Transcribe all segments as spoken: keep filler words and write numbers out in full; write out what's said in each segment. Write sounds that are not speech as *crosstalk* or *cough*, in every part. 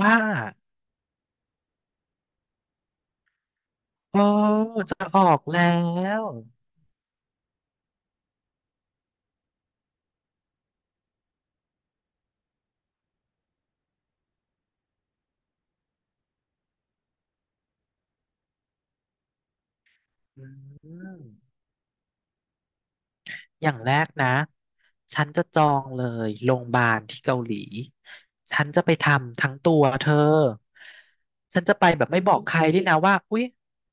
ว่าเออจะออกแล้วอืมอย่างแรกนะฉันจะจองเลยโรงพยาบาลที่เกาหลีฉันจะไปทำทั้งตัวเธอฉันจะไปแบบไม่บอกใครด้วยนะว่าอุ๊ย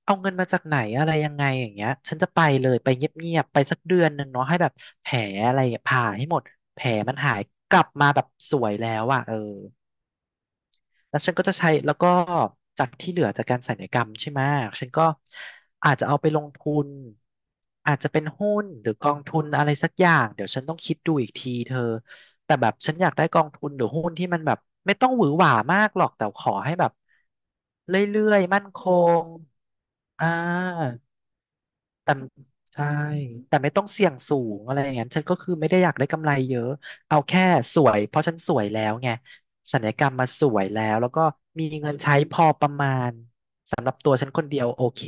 เอาเงินมาจากไหนอะไรยังไงอย่างเงี้ยฉันจะไปเลยไปเงียบๆไปสักเดือนหนึ่งเนาะให้แบบแผลอะไรผ่าให้หมดแผลมันหายกลับมาแบบสวยแล้วอ่ะเออ แล้วฉันก็จะใช้แล้วก็จากที่เหลือจากการสัญญกรรมใช่ไหมฉันก็อาจจะเอาไปลงทุนอาจจะเป็นหุ้นหรือกองทุนอะไรสักอย่างเดี๋ยวฉันต้องคิดดูอีกทีเธอแต่แบบฉันอยากได้กองทุนหรือหุ้นที่มันแบบไม่ต้องหวือหวามากหรอกแต่ขอให้แบบเรื่อยๆมั่นคงอ่า แต่ใช่แต่ไม่ต้องเสี่ยงสูงอะไรอย่างนั้นฉันก็คือไม่ได้อยากได้กำไรเยอะเอาแค่สวยเพราะฉันสวยแล้วไงศัลยกรรมมาสวยแล้วแล้วก็มีเงินใช้พอประมาณสำหรับตัวฉันคนเดียวโอเค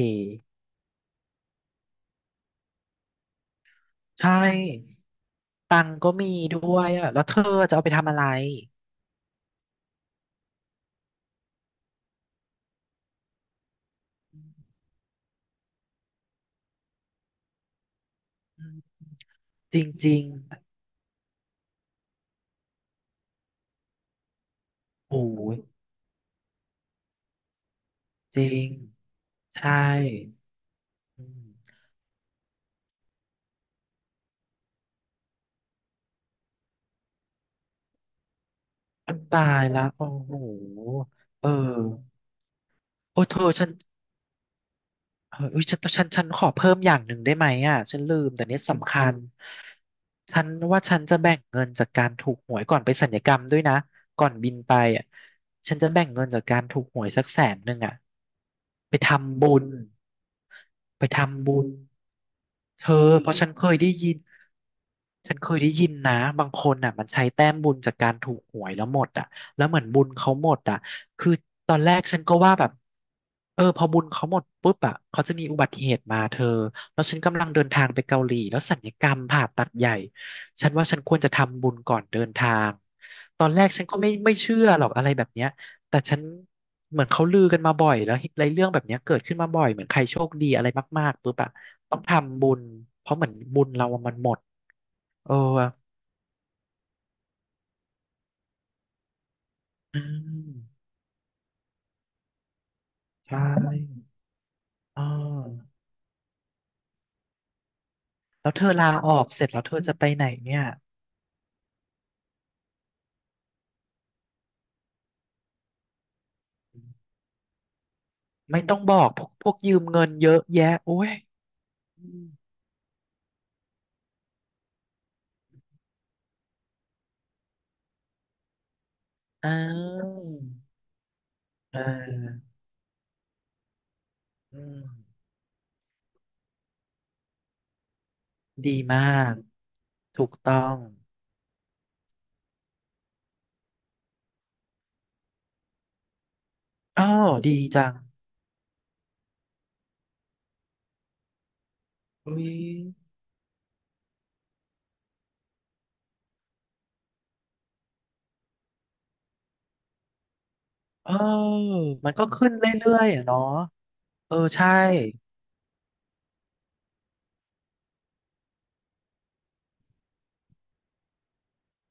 ใช่ตังค์ก็มีด้วยอ่ะแล้วเธอจะเอาไปทำอะไรอืมจริงๆโอ้ยจริงใช่อืมตายละโอ้โหเออโอ้เธอฉัน เอออุ๊ยฉันฉันฉันขอเพิ่มอย่างหนึ่งได้ไหมอ่ะฉันลืมแต่เนี้ยสำคัญฉันว่าฉันจะแบ่งเงินจากการถูกหวยก่อนไปสัญญกรรมด้วยนะก่อนบินไปอ่ะฉันจะแบ่งเงินจากการถูกหวยสักแสนหนึ่งอ่ะไปทำบุญไปทำบุญเธอเพราะฉันเคยได้ยินฉันเคยได้ยินนะบางคนอ่ะมันใช้แต้มบุญจากการถูกหวยแล้วหมดอ่ะแล้วเหมือนบุญเขาหมดอ่ะ คือตอนแรกฉันก็ว่าแบบ เออพอบุญเขาหมดปุ๊บอ่ะเขาจะมีอุบัติเหตุมาเธอแล้วฉันกำลังเดินทางไปเกาหลีแล้วสัลยกรรมผ่าตัดใหญ่ฉันว่าฉันควรจะทำบุญก่อนเดินทางตอนแรกฉันก็ไม่ไม่เชื่อหรอกอะไรแบบเนี้ยแต่ฉันเหมือนเขาลือกันมาบ่อยแล้วอะไรเรื่องแบบเนี้ยเกิดขึ้นมาบ่อยเหมือนใครโชคดีอะไรมากๆปุ๊บอ่ะต้องทำบุญเพราะเหมือนบุญเราอะมันหมดเอออืมใช่อ๋อแล้วเธอลาออกเสร็จแล้วเธอจะไปไหนเนี่ย ไม่ต้องบอกพวกพวกยืมเงินเยอะแยะโอ้ยอืมอ้าวเอออืมดีมากถูกต้องอ้อดีจังอุ้ยเออมันก็ขึ้นเรื่อยๆอ่ะเนาะเออใช่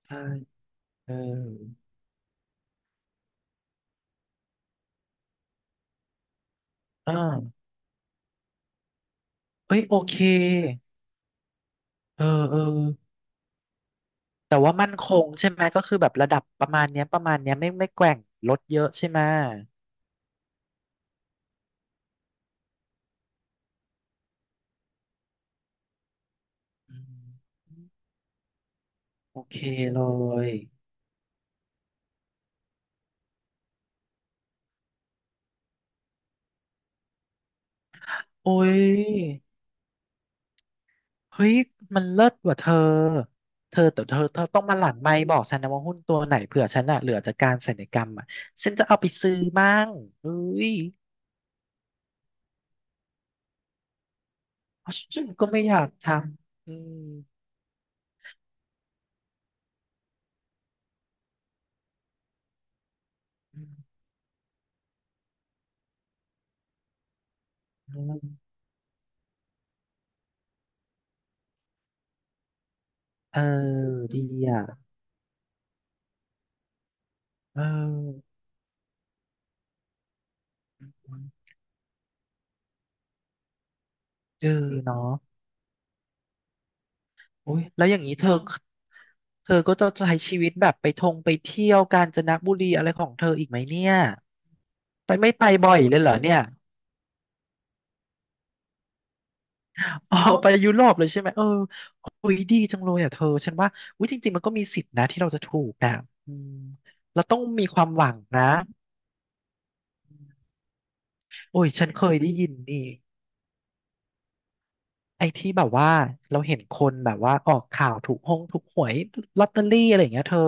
ใช่เอออ่าเอ้ยโอเคเออเออแต่ว่ามั่นคงใช่ไหมก็คือแบบระดับประมาณเนี้ยประมาณเนี้ยไม่ไม่แกว่งลดเยอะใช่ไหมอืมโอเคเลย โอ้ยเฮ้ย มันเลิศกว่าเธอเธอแต่เธอเธอต้องมาหลั่นไมค์บอกฉันนะว่าหุ้นตัวไหนเผื่อฉันอะเหลือจากการศัลยกรรมอะฉันจะเอาไปซื้อมั่งเอ้ยเพราะฉันก็ไม่อยากทำอืมอืมเออดีอ่ะเออเออเนาะโอ้ยแล้วอย่างนี้เธอ เธอก็จะใช้ชีวิตแบบไปทงไปเที่ยวกาญจนบุรีอะไรของเธออีกไหมเนี่ย ไปไม่ไปบ่อยเลยเหรอเนี่ย *laughs* อ๋อไปยุโรปเลยใช่ไหมเออคุยดีจังเลยอ่ะเธอฉันว่าวิจริงๆมันก็มีสิทธินะที่เราจะถูกนะอืมเราต้องมีความหวังนะโอ้ยฉันเคยได้ยินนี่ไอ้ที่แบบว่าเราเห็นคนแบบว่าออกข่าวถูกห้องถูกหวยลอตเตอรี่อะไรอย่างเงี้ยเธอ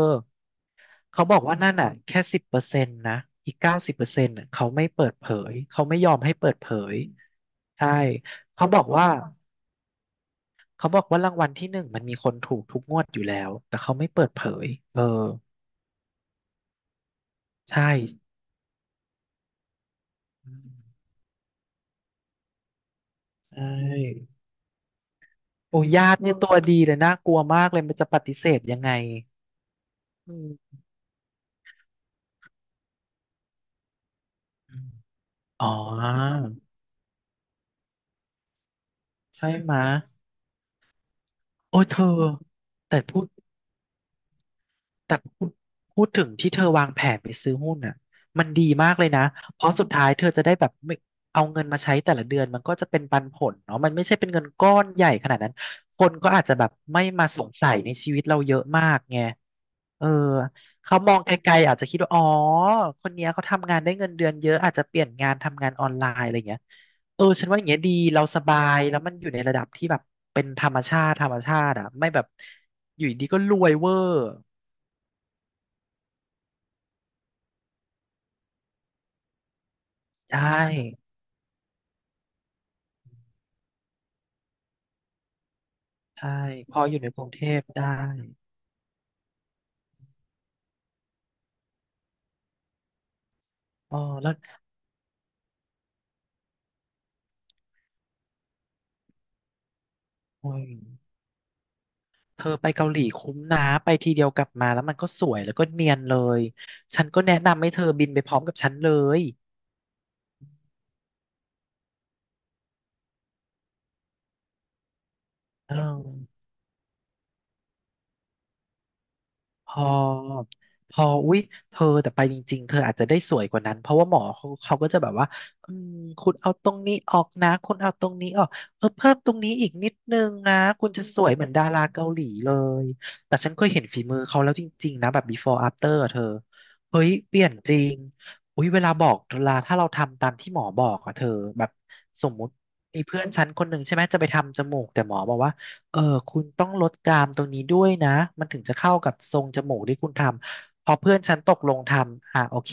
เขาบอกว่านั่นอ่ะแค่สิบเปอร์เซ็นต์นะอีกเก้าสิบเปอร์เซ็นต์เขาไม่เปิดเผยเขาไม่ยอมให้เปิดเผยใช่เขาบอกว่าเขาบอกว่ารางวัลที่หนึ่งมันมีคนถูกทุกงวดอยู่แล้วแต่เขาไม่เปิดเผยเออ ใช่ใช่โอ้ญาติเนี่ยตัวดีเลยน่ากลัวมากเลยมันจะปฏิเสธยังไงอืมอ๋อใช่ไหมะโอ้ยเธอแต่พูด แต่พูดพูดถึงที่เธอวางแผนไปซื้อหุ้นน่ะมันดีมากเลยนะ เพราะสุดท้ายเธอจะได้แบบไม่เอาเงินมาใช้แต่ละเดือนมันก็จะเป็นปันผลเนาะมันไม่ใช่เป็นเงินก้อนใหญ่ขนาดนั้น คนก็อาจจะแบบไม่มาสงสัยในชีวิตเราเยอะมากไงเออเขามองไกลๆอาจจะคิดว่าอ๋อ คนเนี้ยเขาทำงานได้เงินเดือนเยอะอาจจะเปลี่ยนงานทำงานออนไลน์อะไรเงี้ยเออ ฉันว่าอย่างเงี้ยดีเราสบายแล้วมันอยู่ในระดับที่แบบเป็นธรรมชาติธรรมชาติอ่ะไม่แบบอยู่ดีก็รวยเวอร์ ใช่ใช่พออยู่ในกรุงเทพได้อ๋อแล้วโอ้ยเธอไปเกาหลีคุ้มนะไปทีเดียวกลับมาแล้วมันก็สวยแล้วก็เนียนเลยฉันก็แนะนำให้เธอบินไปพร้อมกับฉันเลยเออ พอพออุ๊ยเธอแต่ไปจริงๆเธออาจจะได้สวยกว่านั้นเพราะว่าหมอเขาเขาก็จะแบบว่าอืมคุณเอาตรงนี้ออกนะคุณเอาตรงนี้ออกเออเพิ่มตรงนี้อีกนิดนึงนะคุณจะสวยเหมือนดาราเกาหลีเลยแต่ฉันเคยเห็นฝีมือเขาแล้วจริงๆนะแบบ before after อะเธอเฮ้ยเปลี่ยนจริงอุ๊ยเวลาบอกเวลาถ้าเราทำตามที่หมอบอกอะเธอแบบสมมุติมีเพื่อนฉันคนหนึ่งใช่ไหมจะไปทำจมูกแต่หมอบอกว่า เออคุณต้องลดกรามตรงนี้ด้วยนะมันถึงจะเข้ากับทรงจมูกที่คุณทำพอเพื่อนฉันตกลงทำอ่ะโอเค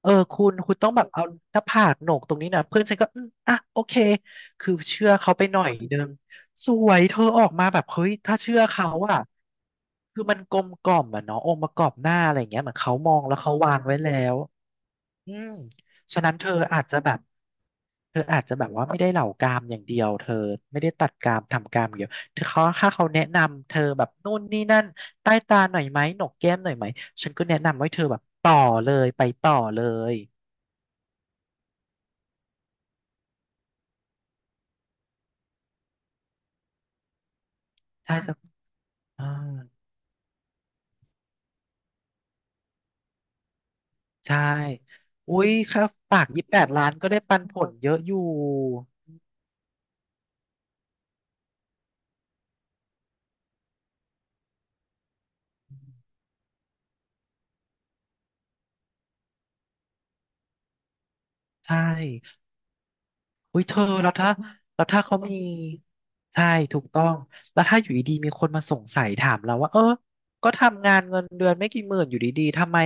เออคุณคุณต้องแบบเอาหน้าผากโหนกตรงนี้นะเพื่อนฉันก็อืมอ่ะโอเคคือเชื่อเขาไปหน่อยนึงสวยเธอออกมาแบบเฮ้ยถ้าเชื่อเขาอะคือมันกลมกล่อมอะเนาะองค์ประกอบหน้าอะไรอย่างเงี้ยเหมือนเขามองแล้วเขาวางไว้แล้ว อืมฉะนั้นเธออาจจะแบบเธออาจจะแบบว่าไม่ได้เหล่ากามอย่างเดียวเธอไม่ได้ตัดกามทำกามอย่างเดียวเธอเขาถ้าเขาแนะนำเธอแบบนู่นนี่นั่นใต้ตาหน่อยไหมหนกแก้มหน่อยไหมฉันก็แนะนำว่าเธอแบบต่อเลยไปต่อเลยใช่จะอ่าใช่อุ้ยค่าฝากยี่สิบแปดล้านก็ได้ปันผลเยอะอยู่ใช่ อุ้ยเธอแล้วถ้าแล้วถ้าเขามีใช่ถูกต้องแล้วถ้าอยู่ดีๆมีคนมาสงสัยถามเราว่าเออก็ทำงานเงินเดือนไม่กี่หมื่นอยู่ดีๆทำไม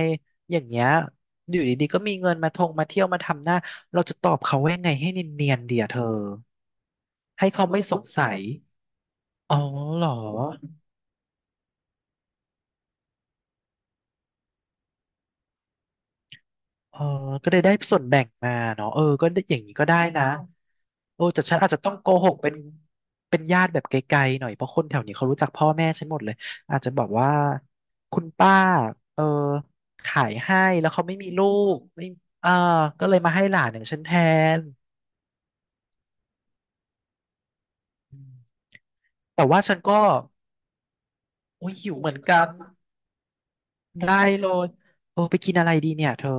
อย่างเงี้ยอยู่ดีๆก็มีเงินมาทงมาเที่ยวมาทำหน้าเราจะตอบเขาว่ายังไงให้เนียนๆเดียเธอให้เขาไม่สงสัยอ๋อเหรอ เออก็ได้ได้ส่วนแบ่งมาเนาะเออก็ได้อย่างนี้ก็ได้นะโอ้แต่ฉันอาจจะต้องโกหกเป็นเป็นญาติแบบไกลๆหน่อย เพราะคนแถวนี้เขารู้จักพ่อแม่ฉันหมดเลย อาจจะบอกว่าคุณป้าเออขายให้ แล้วเขาไม่มีลูกไม่เอ่าก็เลยมาให้หลานอย่างฉันแทนอืมแต่ว่าฉันก็โอ้ยหิวเหมือนกัน ได้เลยโอ้ไปกินอะไรดีเนี่ยเธอ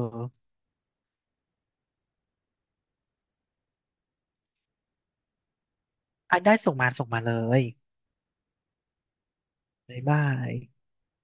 อ่ะได้ส่งมาส่งมาเลยบ๊ายบาย